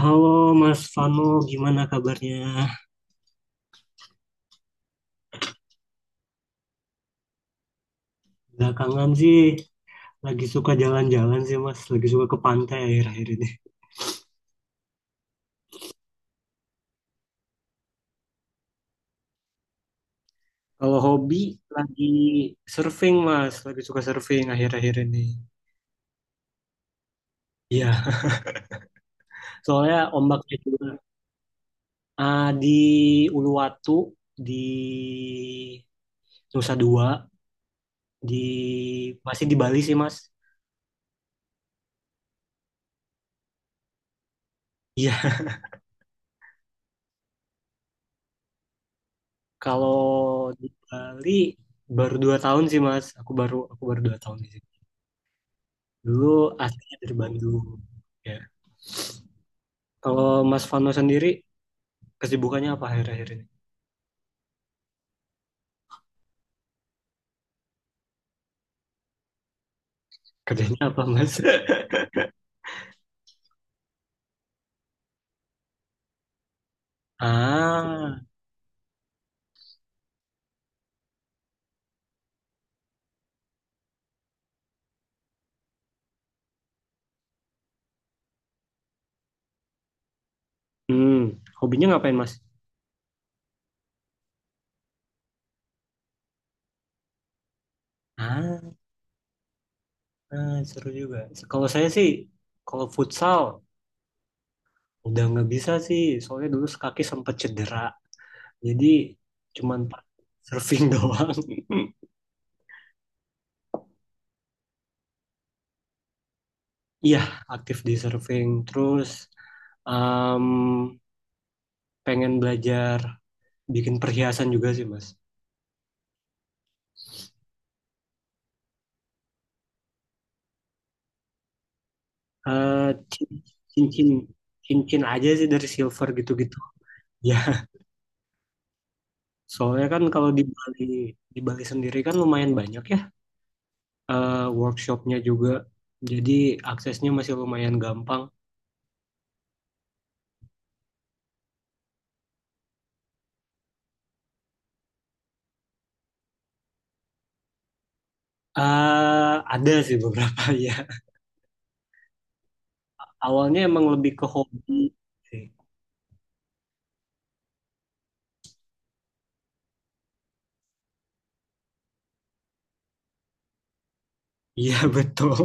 Halo Mas Vano, gimana kabarnya? Belakangan sih lagi suka jalan-jalan sih Mas, lagi suka ke pantai akhir-akhir ini. Kalau hobi lagi surfing Mas, lagi suka surfing akhir-akhir ini. Iya, soalnya ombaknya juga di Uluwatu, di Nusa Dua, di masih di Bali sih Mas. Iya, kalau di Bali baru 2 tahun sih Mas, aku baru 2 tahun sih. Dulu aslinya dari Bandung. Ya. Kalau Mas Fano sendiri kesibukannya apa akhir-akhir ini? Kerjanya apa, Mas? Ah, hmm, hobinya ngapain, Mas? Ah, seru juga. Kalau saya sih, kalau futsal udah nggak bisa sih, soalnya dulu kaki sempat cedera. Jadi cuman surfing doang. Iya, aktif di surfing. Terus em, pengen belajar bikin perhiasan juga sih, Mas. Eh, cin- cincin cincin aja sih dari silver gitu-gitu. Ya, soalnya kan kalau di Bali sendiri kan lumayan banyak ya workshopnya juga, jadi aksesnya masih lumayan gampang. Eh, ada sih beberapa ya. Awalnya emang lebih ke hobi sih. Iya betul.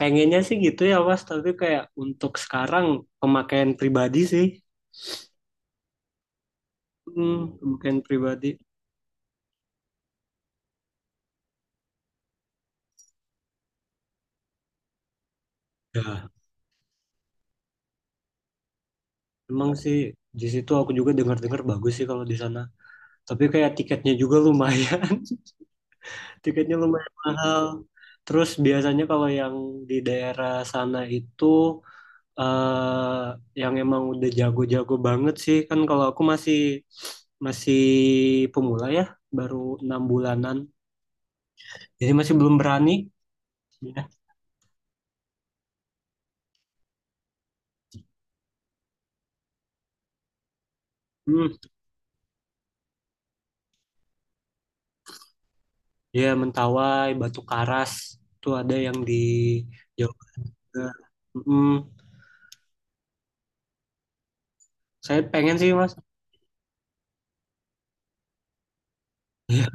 Pengennya sih gitu ya Mas, tapi kayak untuk sekarang pemakaian pribadi sih, hmm, pemakaian pribadi. Ya, emang sih di situ aku juga dengar-dengar bagus sih kalau di sana. Tapi kayak tiketnya juga lumayan, tiketnya lumayan mahal. Terus biasanya kalau yang di daerah sana itu eh yang emang udah jago-jago banget sih, kan kalau aku masih masih pemula ya, baru 6 bulanan, jadi masih belum berani. Ya, hmm, ya Mentawai, Batu Karas, tuh ada yang di Jogja. Mm, saya pengen sih mas. Ya,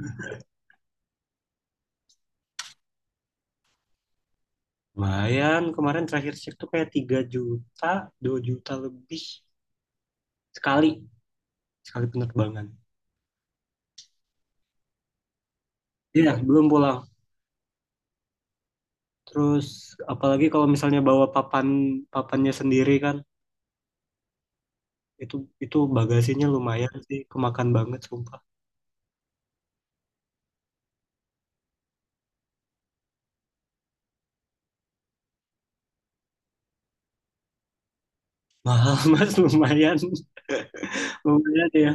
lumayan, kemarin terakhir cek tuh kayak 3 juta, 2 juta lebih sekali, sekali penerbangan. Iya, belum pulang. Terus apalagi kalau misalnya bawa papannya sendiri kan, itu itu bagasinya lumayan sih, kemakan banget sumpah. Mahal Mas, lumayan. Lumayan ya.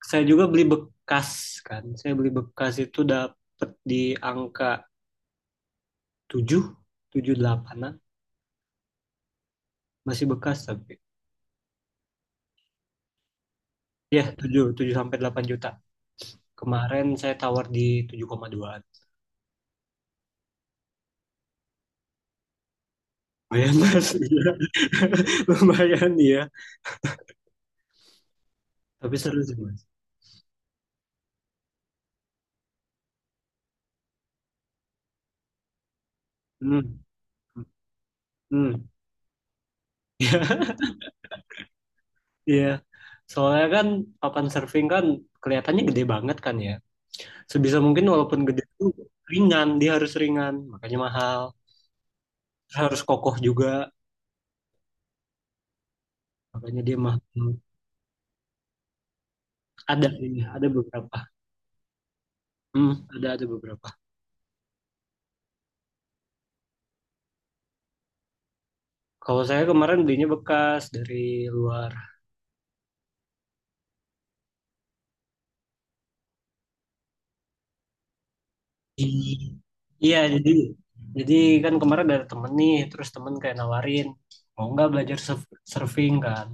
Saya juga beli bekas kan. Saya beli bekas itu dapet di angka 7 7 8. Masih bekas tapi. Ya, 7 7 sampai 8 juta. Kemarin saya tawar di 7,2. Lumayan mas, iya, lumayan ya. Tapi seru sih mas. Hmm. Hmm. Iya. Soalnya kan papan surfing kan kelihatannya gede banget kan ya. Sebisa mungkin walaupun gede itu ringan, dia harus ringan, makanya mahal. Terus harus kokoh juga, makanya dia mahal. Hmm. Ada ini, ada beberapa. Hmm, ada beberapa. Kalau saya kemarin belinya bekas dari luar. Iya, jadi kan kemarin ada temen nih, terus temen kayak nawarin, mau nggak belajar surfing kan,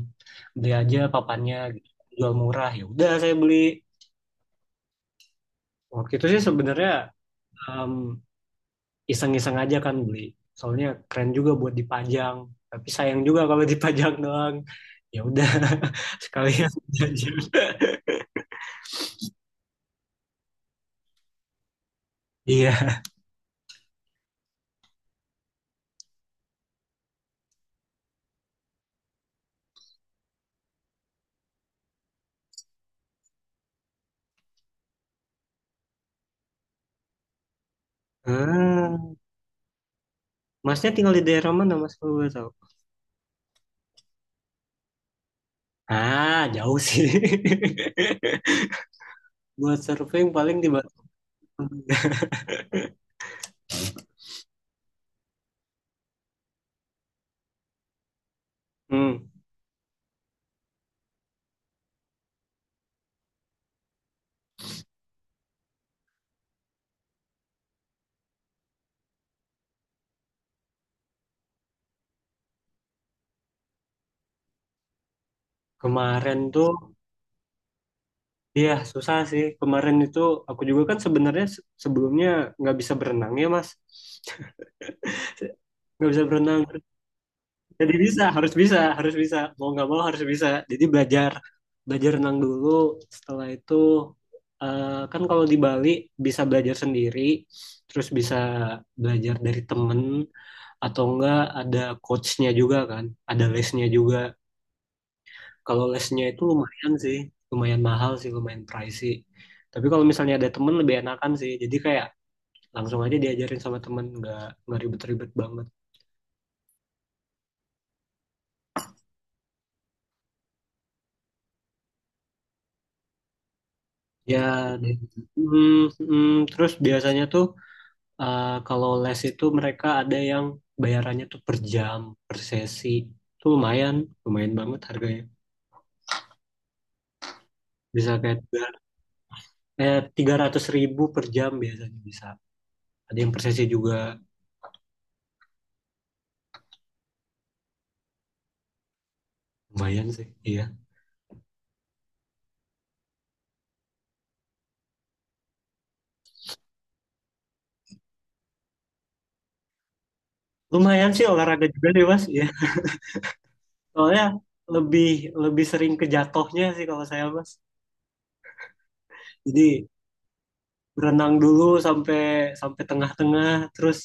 beli aja papannya, gitu. Jual murah. Ya udah saya beli. Waktu itu sih sebenarnya em, iseng-iseng aja kan beli, soalnya keren juga buat dipajang. Tapi sayang juga kalau dipajang doang. Ya udah, sekalian belajar. Iya. Ah, masnya tinggal di daerah mana, Mas? Kalau boleh tahu. Jauh sih. Buat surfing paling di Bali. Hmm. Kemarin tuh, iya susah sih. Kemarin itu aku juga kan sebenarnya sebelumnya nggak bisa berenang ya Mas. Nggak bisa berenang. Jadi bisa, harus bisa, harus bisa. Mau nggak mau harus bisa. Jadi belajar renang dulu. Setelah itu, kan kalau di Bali bisa belajar sendiri. Terus bisa belajar dari temen atau enggak ada coachnya juga kan, ada lesnya juga. Kalau lesnya itu lumayan sih, lumayan mahal sih, lumayan pricey. Tapi kalau misalnya ada temen lebih enakan sih. Jadi kayak langsung aja diajarin sama temen, nggak ribet-ribet banget. Ya, deh. Mm, terus biasanya tuh kalau les itu mereka ada yang bayarannya tuh per jam, per sesi. Itu lumayan, lumayan banget harganya. Bisa kayak 300.000 per jam biasanya bisa. Ada yang per sesi juga lumayan sih, iya. Lumayan sih olahraga juga deh, Mas. Iya. Soalnya lebih lebih sering ke jatuhnya sih kalau saya mas. Jadi berenang dulu sampai sampai tengah-tengah, terus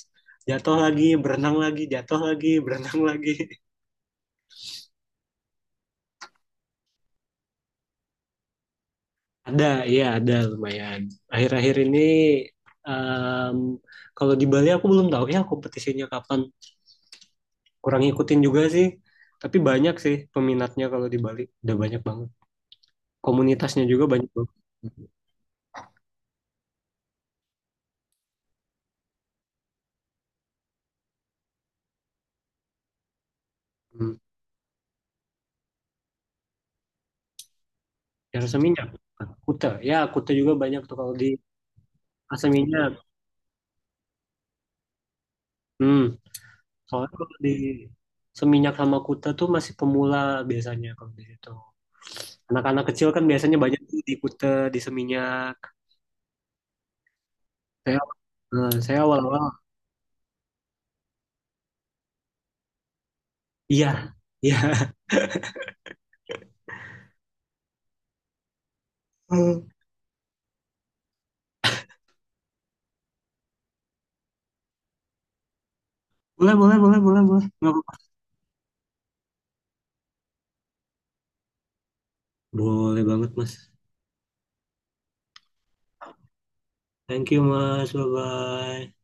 jatuh lagi, berenang lagi, jatuh lagi, berenang lagi. Ada, iya ada lumayan. Akhir-akhir ini em, kalau di Bali aku belum tahu ya kompetisinya kapan. Kurang ngikutin juga sih. Tapi banyak sih peminatnya kalau di Bali. Udah banyak banget. Komunitasnya juga banyak banget. Hmm. Ya, rasa minyak. Kuta. Ya, Kuta juga banyak tuh kalau di asaminya. Hmm, soalnya kalau di Seminyak sama Kuta tuh masih pemula biasanya kalau di situ. Anak-anak kecil kan biasanya banyak tuh di Kuta, di Seminyak. Saya, saya awal-awal, iya, iya. Hmm. Boleh, boleh, boleh, boleh, boleh. Nggak apa-apa. Boleh banget, Mas. Thank you, Mas. Bye-bye.